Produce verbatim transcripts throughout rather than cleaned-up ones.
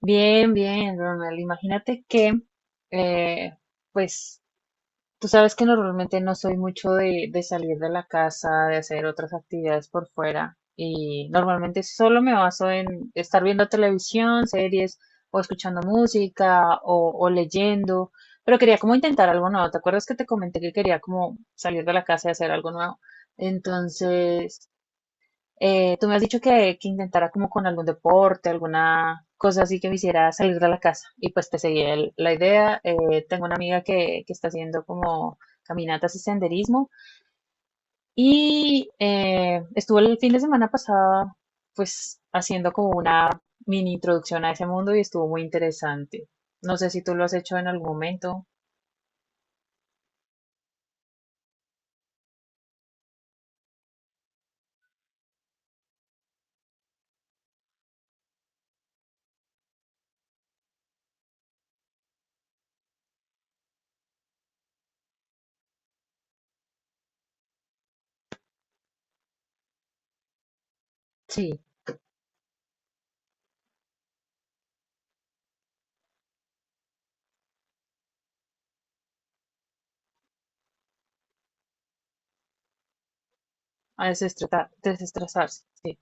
Bien, bien, Ronald. Imagínate que, eh, pues, tú sabes que normalmente no soy mucho de, de salir de la casa, de hacer otras actividades por fuera, y normalmente solo me baso en estar viendo televisión, series, o escuchando música, o, o leyendo, pero quería como intentar algo nuevo. ¿Te acuerdas que te comenté que quería como salir de la casa y hacer algo nuevo? Entonces, eh, tú me has dicho que, que intentara como con algún deporte, alguna cosa así que me hiciera salir de la casa. Y pues te seguí el- la idea. Eh, tengo una amiga que, que está haciendo como caminatas y senderismo. Y eh, estuvo el fin de semana pasado pues haciendo como una mini introducción a ese mundo y estuvo muy interesante. No sé si tú lo has hecho en algún momento. Sí, a desestresar- desestresarse. Sí.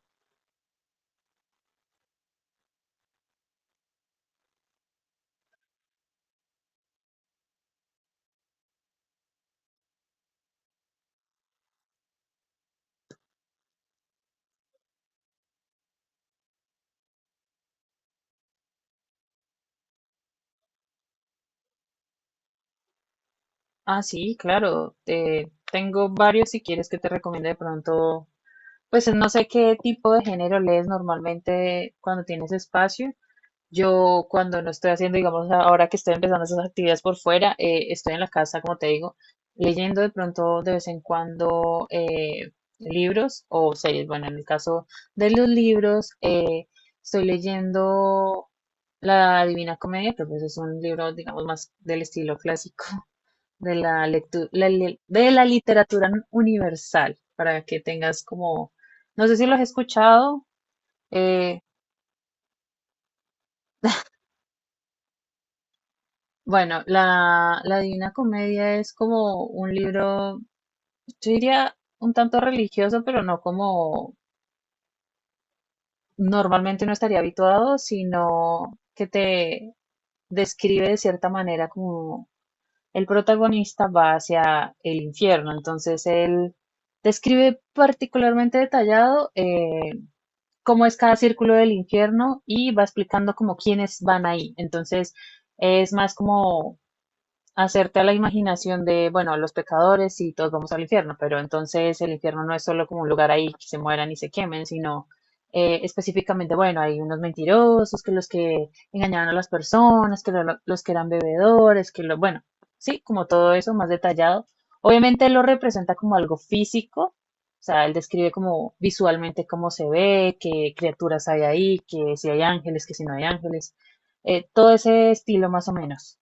Ah, sí, claro. Eh, tengo varios si quieres que te recomiende de pronto. Pues no sé qué tipo de género lees normalmente cuando tienes espacio. Yo cuando no estoy haciendo, digamos, ahora que estoy empezando esas actividades por fuera, eh, estoy en la casa, como te digo, leyendo de pronto de vez en cuando eh, libros o series. Bueno, en el caso de los libros, eh, estoy leyendo La Divina Comedia, pero pues es un libro, digamos, más del estilo clásico de la lectu- la li- de la literatura universal, para que tengas como, no sé si lo has escuchado. eh, bueno, la, la Divina Comedia es como un libro, yo diría un tanto religioso, pero no como normalmente uno estaría habituado, sino que te describe de cierta manera como el protagonista va hacia el infierno, entonces él describe particularmente detallado eh, cómo es cada círculo del infierno y va explicando como quiénes van ahí. Entonces es más como hacerte a la imaginación de, bueno, los pecadores y todos vamos al infierno, pero entonces el infierno no es solo como un lugar ahí que se mueran y se quemen, sino eh, específicamente, bueno, hay unos mentirosos, que los que engañaron a las personas, que lo- los que eran bebedores, que lo, bueno, sí, como todo eso más detallado. Obviamente él lo representa como algo físico, o sea, él describe como visualmente cómo se ve, qué criaturas hay ahí, que si hay ángeles, que si no hay ángeles, eh, todo ese estilo más o menos.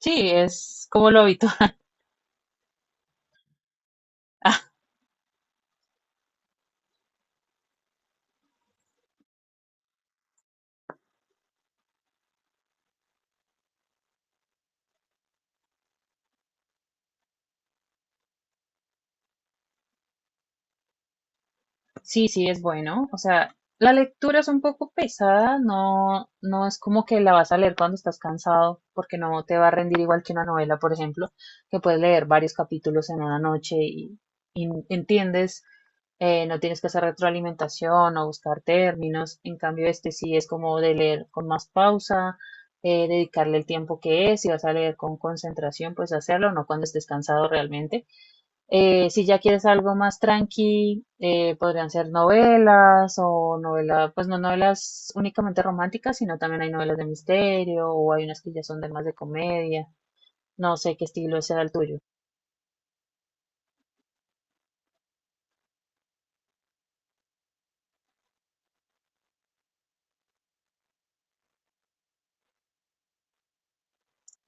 Sí, es como lo habitual. Ah, sí, sí, es bueno. O sea, la lectura es un poco pesada, no, no es como que la vas a leer cuando estás cansado, porque no te va a rendir igual que una novela, por ejemplo, que puedes leer varios capítulos en una noche y, y entiendes, eh, no tienes que hacer retroalimentación o buscar términos. En cambio, este sí es como de leer con más pausa, eh, dedicarle el tiempo que es, si vas a leer con concentración, pues hacerlo, no cuando estés cansado realmente. Eh, si ya quieres algo más tranqui, eh, podrían ser novelas o novelas, pues no novelas únicamente románticas, sino también hay novelas de misterio o hay unas que ya son de más de comedia. No sé qué estilo sea el tuyo.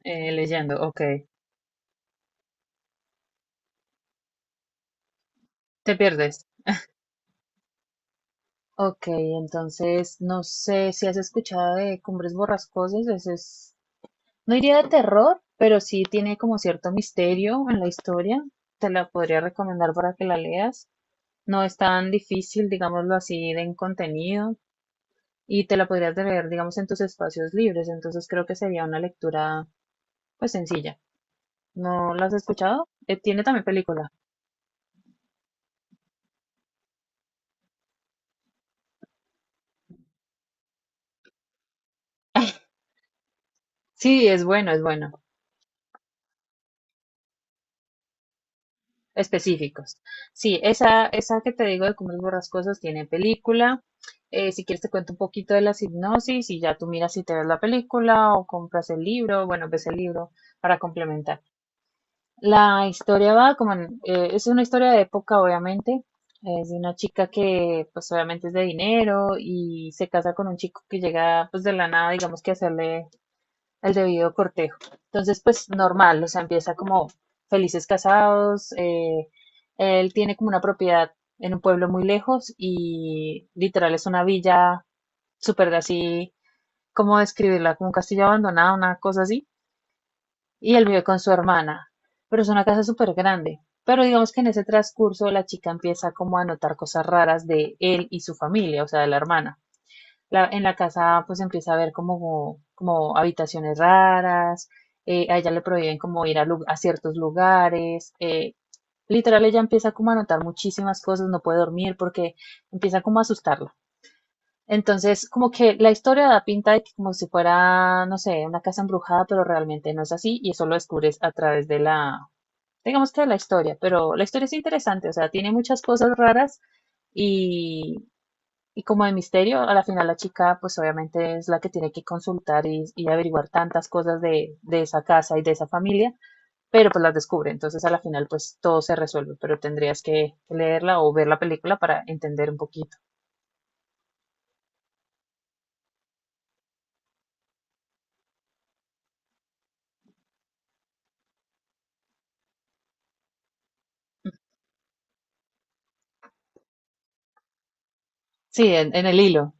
Eh, leyendo, ok. Te pierdes. Ok, entonces no sé si has escuchado de Cumbres Borrascosas, ese es, no diría de terror, pero sí tiene como cierto misterio en la historia. Te la podría recomendar para que la leas. No es tan difícil, digámoslo así, de en contenido y te la podrías leer, digamos, en tus espacios libres. Entonces creo que sería una lectura, pues, sencilla. ¿No la has escuchado? Eh, tiene también película. Sí, es bueno, es bueno. Específicos. Sí, esa, esa que te digo de Cumbres Borrascosas tiene película. Eh, si quieres te cuento un poquito de la hipnosis y ya tú miras si te ves la película o compras el libro, bueno, ves el libro para complementar. La historia va como en- eh, es una historia de época, obviamente. Es de una chica que, pues, obviamente es de dinero y se casa con un chico que llega, pues, de la nada, digamos que a hacerle el debido cortejo. Entonces, pues, normal, o sea, empieza como felices casados. Eh, él tiene como una propiedad en un pueblo muy lejos y literal es una villa súper así, ¿cómo describirla? Como un castillo abandonado, una cosa así y él vive con su hermana, pero es una casa súper grande. Pero digamos que en ese transcurso la chica empieza como a notar cosas raras de él y su familia, o sea, de la hermana. La- en la casa pues empieza a ver como, como habitaciones raras, eh, a ella le prohíben como ir a, lu- a ciertos lugares, eh, literal ella empieza como a notar muchísimas cosas, no puede dormir porque empieza como a asustarla. Entonces, como que la historia da pinta de que como si fuera, no sé, una casa embrujada, pero realmente no es así y eso lo descubres a través de la, digamos que de la historia, pero la historia es interesante, o sea, tiene muchas cosas raras y, y como de misterio, a la final la chica pues obviamente es la que tiene que consultar y, y averiguar tantas cosas de, de esa casa y de esa familia, pero pues las descubre, entonces a la final pues todo se resuelve, pero tendrías que leerla o ver la película para entender un poquito. Sí, en, en el hilo.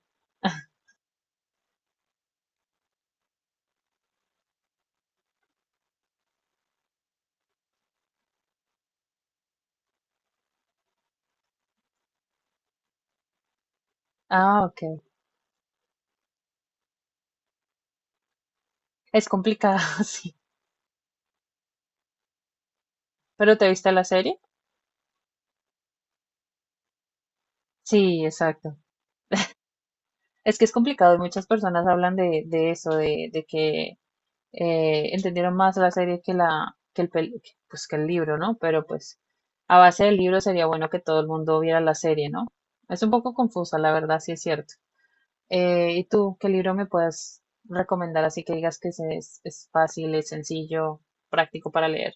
Ah, ok. Es complicado, sí. ¿Pero te viste la serie? Sí, exacto. Es que es complicado y muchas personas hablan de, de eso, de, de que eh, entendieron más la serie que la, que el pel- que- pues que el libro, ¿no? Pero pues a base del libro sería bueno que todo el mundo viera la serie, ¿no? Es un poco confusa, la verdad, sí es cierto. Eh, ¿y tú qué libro me puedes recomendar así que digas que es, es es fácil, es sencillo, práctico para leer?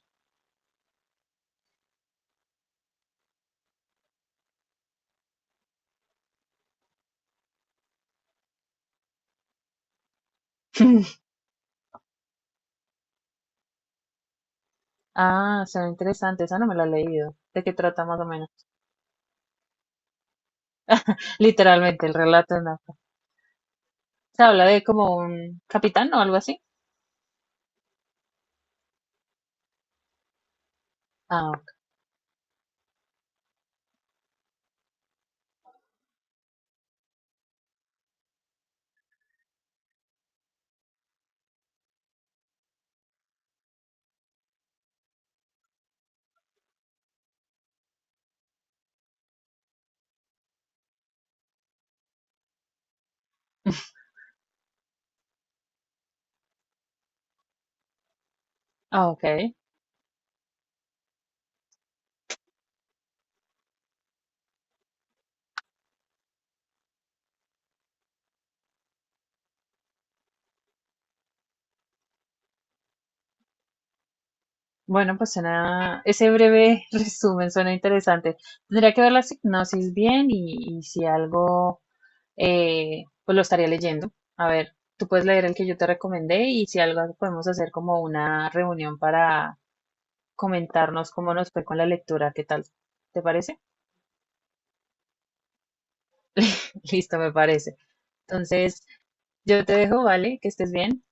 Ah, suena interesante, esa no me la he leído. ¿De qué trata más o menos? Literalmente, el relato en África. Se habla de como un capitán o algo así. Ah, ok. Ah, ok. Bueno, pues suena, ese breve resumen suena interesante. Tendría que ver la sinopsis bien y, y si algo, eh, pues lo estaría leyendo. A ver, tú puedes leer el que yo te recomendé y si algo podemos hacer como una reunión para comentarnos cómo nos fue con la lectura, ¿qué tal? ¿Te parece? Listo, me parece. Entonces, yo te dejo, ¿vale? Que estés bien.